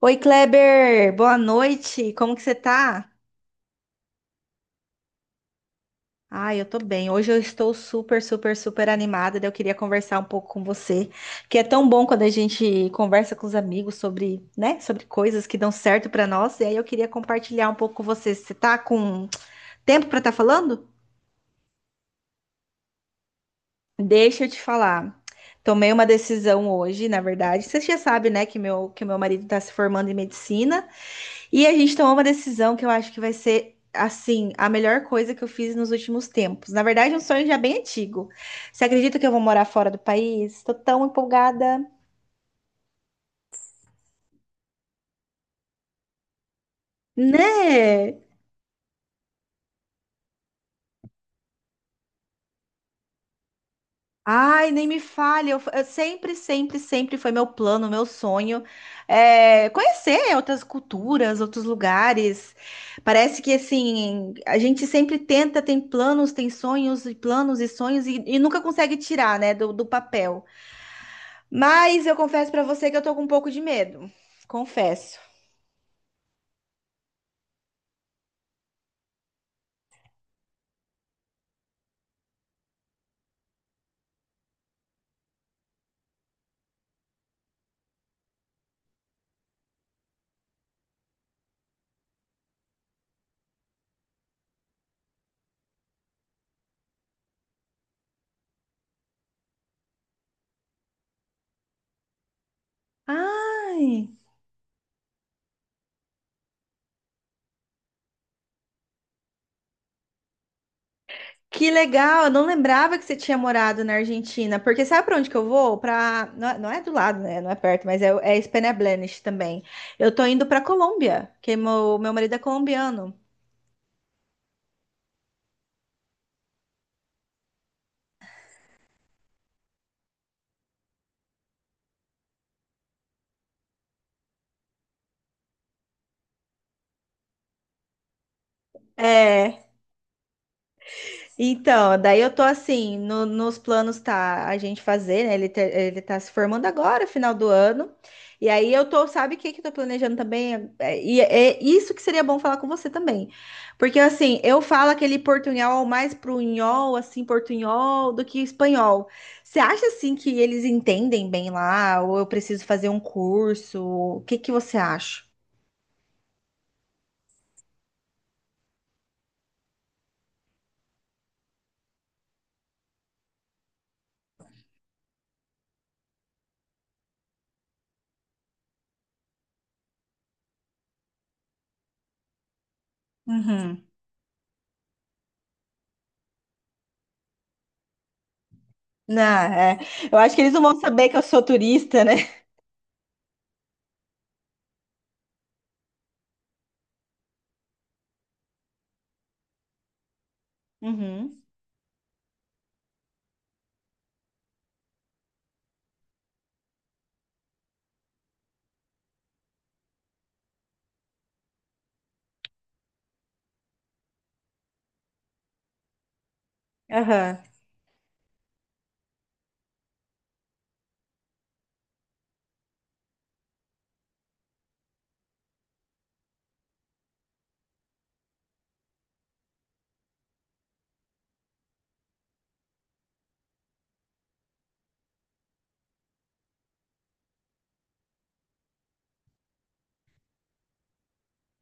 Oi, Kleber, boa noite. Como que você tá? Ah, eu tô bem. Hoje eu estou super, super, super animada. Daí Eu queria conversar um pouco com você, que é tão bom quando a gente conversa com os amigos sobre, né, sobre coisas que dão certo pra nós. E aí eu queria compartilhar um pouco com você. Você tá com tempo pra estar falando? Deixa eu te falar. Tomei uma decisão hoje, na verdade. Você já sabe, né, que meu marido está se formando em medicina. E a gente tomou uma decisão que eu acho que vai ser, assim, a melhor coisa que eu fiz nos últimos tempos. Na verdade, é um sonho já bem antigo. Você acredita que eu vou morar fora do país? Tô tão empolgada, né? Ai, nem me fale. Eu sempre, sempre, sempre foi meu plano, meu sonho, conhecer outras culturas, outros lugares. Parece que assim, a gente sempre tenta, tem planos, tem sonhos e planos e sonhos e nunca consegue tirar, né, do papel. Mas eu confesso pra você que eu tô com um pouco de medo. Confesso. Ai, que legal, eu não lembrava que você tinha morado na Argentina, porque sabe pra onde que eu vou? Pra... Não, não é do lado, né? Não é perto, mas é, é Spanish também. Eu tô indo pra Colômbia, que é meu, meu marido é colombiano. É, então, daí eu tô assim, nos planos tá a gente fazer, né? Ele, ele tá se formando agora, final do ano. E aí eu tô, sabe o que que eu tô planejando também? E é isso que seria bom falar com você também. Porque assim, eu falo aquele portunhol mais pro unhol, assim, portunhol do que espanhol. Você acha assim que eles entendem bem lá? Ou eu preciso fazer um curso? O que que você acha? Uhum. Não, é, eu acho que eles não vão saber que eu sou turista, né? Uhum. Aham.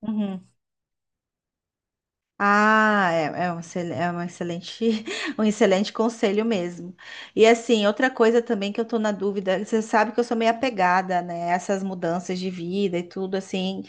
Uhum. Ah, é, é um, é uma excelente, um excelente conselho mesmo. E assim, outra coisa também que eu tô na dúvida, você sabe que eu sou meio apegada, né? Essas mudanças de vida e tudo, assim,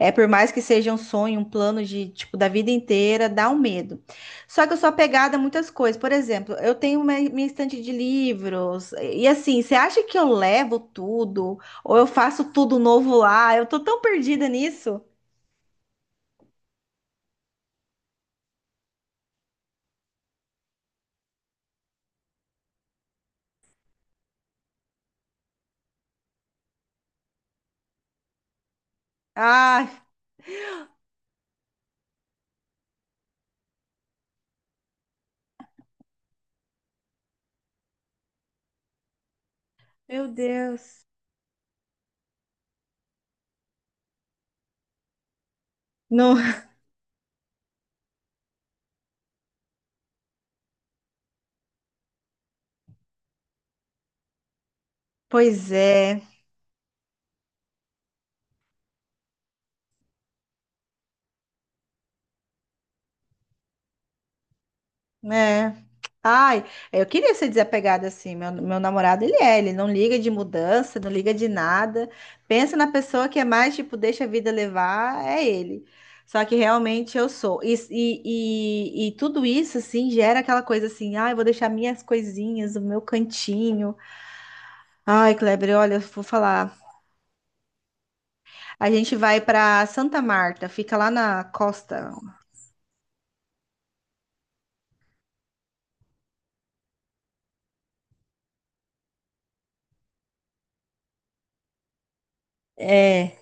é por mais que seja um sonho, um plano de, tipo, da vida inteira, dá um medo. Só que eu sou apegada a muitas coisas. Por exemplo, eu tenho minha estante de livros, e assim, você acha que eu levo tudo? Ou eu faço tudo novo lá? Eu tô tão perdida nisso. Ai, meu Deus. Não, pois é, né? Ai, eu queria ser desapegada assim. Meu namorado, ele é, ele não liga de mudança, não liga de nada. Pensa na pessoa que é mais, tipo, deixa a vida levar, é ele. Só que realmente eu sou. E tudo isso, assim, gera aquela coisa assim, ai, eu vou deixar minhas coisinhas, o meu cantinho. Ai, Kleber, olha, eu vou falar. A gente vai pra Santa Marta, fica lá na costa. É.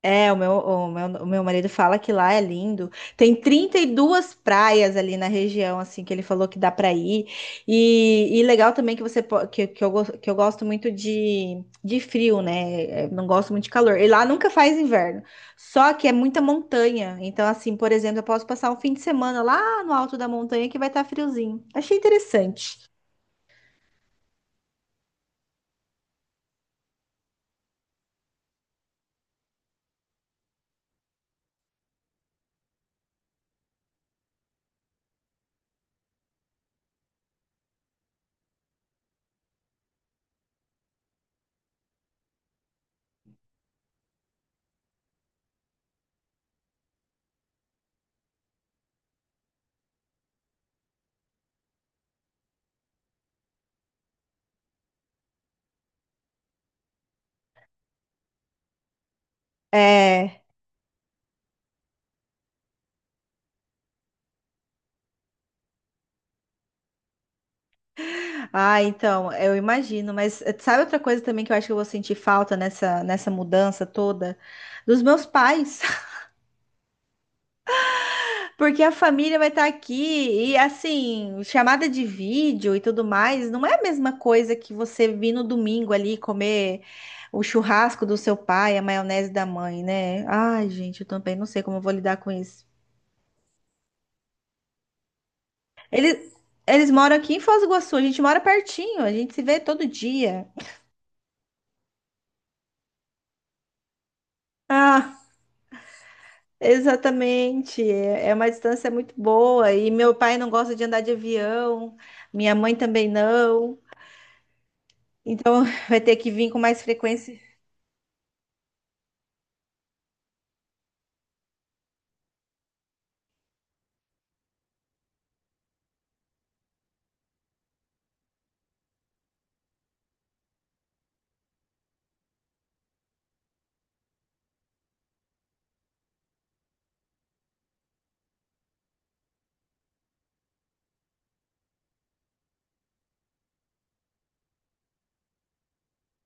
É, o meu marido fala que lá é lindo. Tem 32 praias ali na região, assim, que ele falou que dá para ir. E legal também que você po- que eu, gos- que eu gosto muito de frio, né? É, não gosto muito de calor. E lá nunca faz inverno. Só que é muita montanha. Então, assim, por exemplo, eu posso passar um fim de semana lá no alto da montanha que vai estar friozinho. Achei interessante. É. Ah, então, eu imagino, mas sabe outra coisa também que eu acho que eu vou sentir falta nessa, nessa mudança toda? Dos meus pais, porque a família vai estar aqui e assim, chamada de vídeo e tudo mais, não é a mesma coisa que você vir no domingo ali comer o churrasco do seu pai, a maionese da mãe, né? Ai, gente, eu também não sei como eu vou lidar com isso. Eles, eles moram aqui em Foz do Iguaçu, a gente mora pertinho, a gente se vê todo dia. Exatamente, é uma distância muito boa. E meu pai não gosta de andar de avião, minha mãe também não. Então vai ter que vir com mais frequência.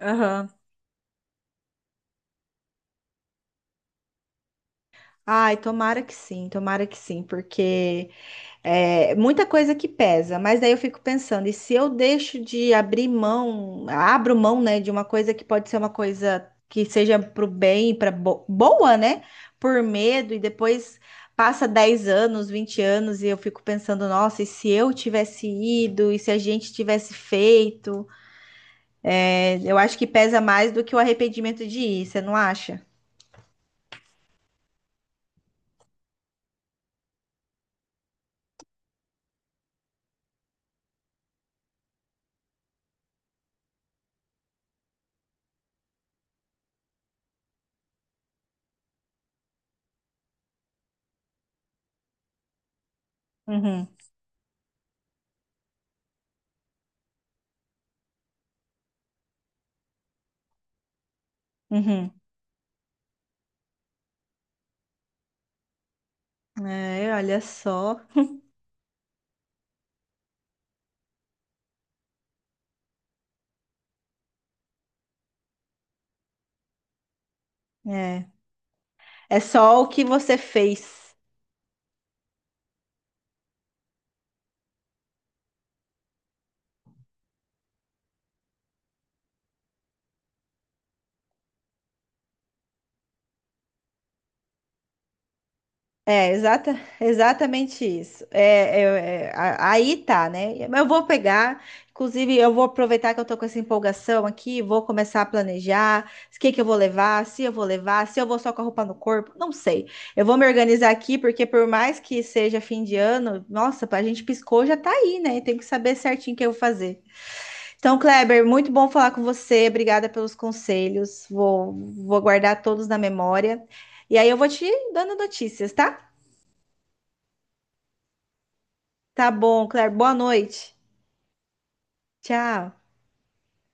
Aham. Ai, tomara que sim, porque é muita coisa que pesa, mas daí eu fico pensando, e se eu deixo de abrir mão, abro mão, né, de uma coisa que pode ser uma coisa que seja pro bem, para boa, né? Por medo, e depois passa 10 anos, 20 anos, e eu fico pensando, nossa, e se eu tivesse ido, e se a gente tivesse feito? É, eu acho que pesa mais do que o arrependimento de ir, você não acha? Uhum, uhum. É, olha só. É, é só o que você fez. É, exatamente isso. Aí tá, né? Mas eu vou pegar, inclusive, eu vou aproveitar que eu tô com essa empolgação aqui, vou começar a planejar o que que eu vou levar, se eu vou levar, se eu vou só com a roupa no corpo, não sei. Eu vou me organizar aqui, porque por mais que seja fim de ano, nossa, a gente piscou, já tá aí, né? Tem que saber certinho o que eu vou fazer. Então, Kleber, muito bom falar com você, obrigada pelos conselhos, vou guardar todos na memória. E aí eu vou te dando notícias, tá? Tá bom, Claire. Boa noite. Tchau.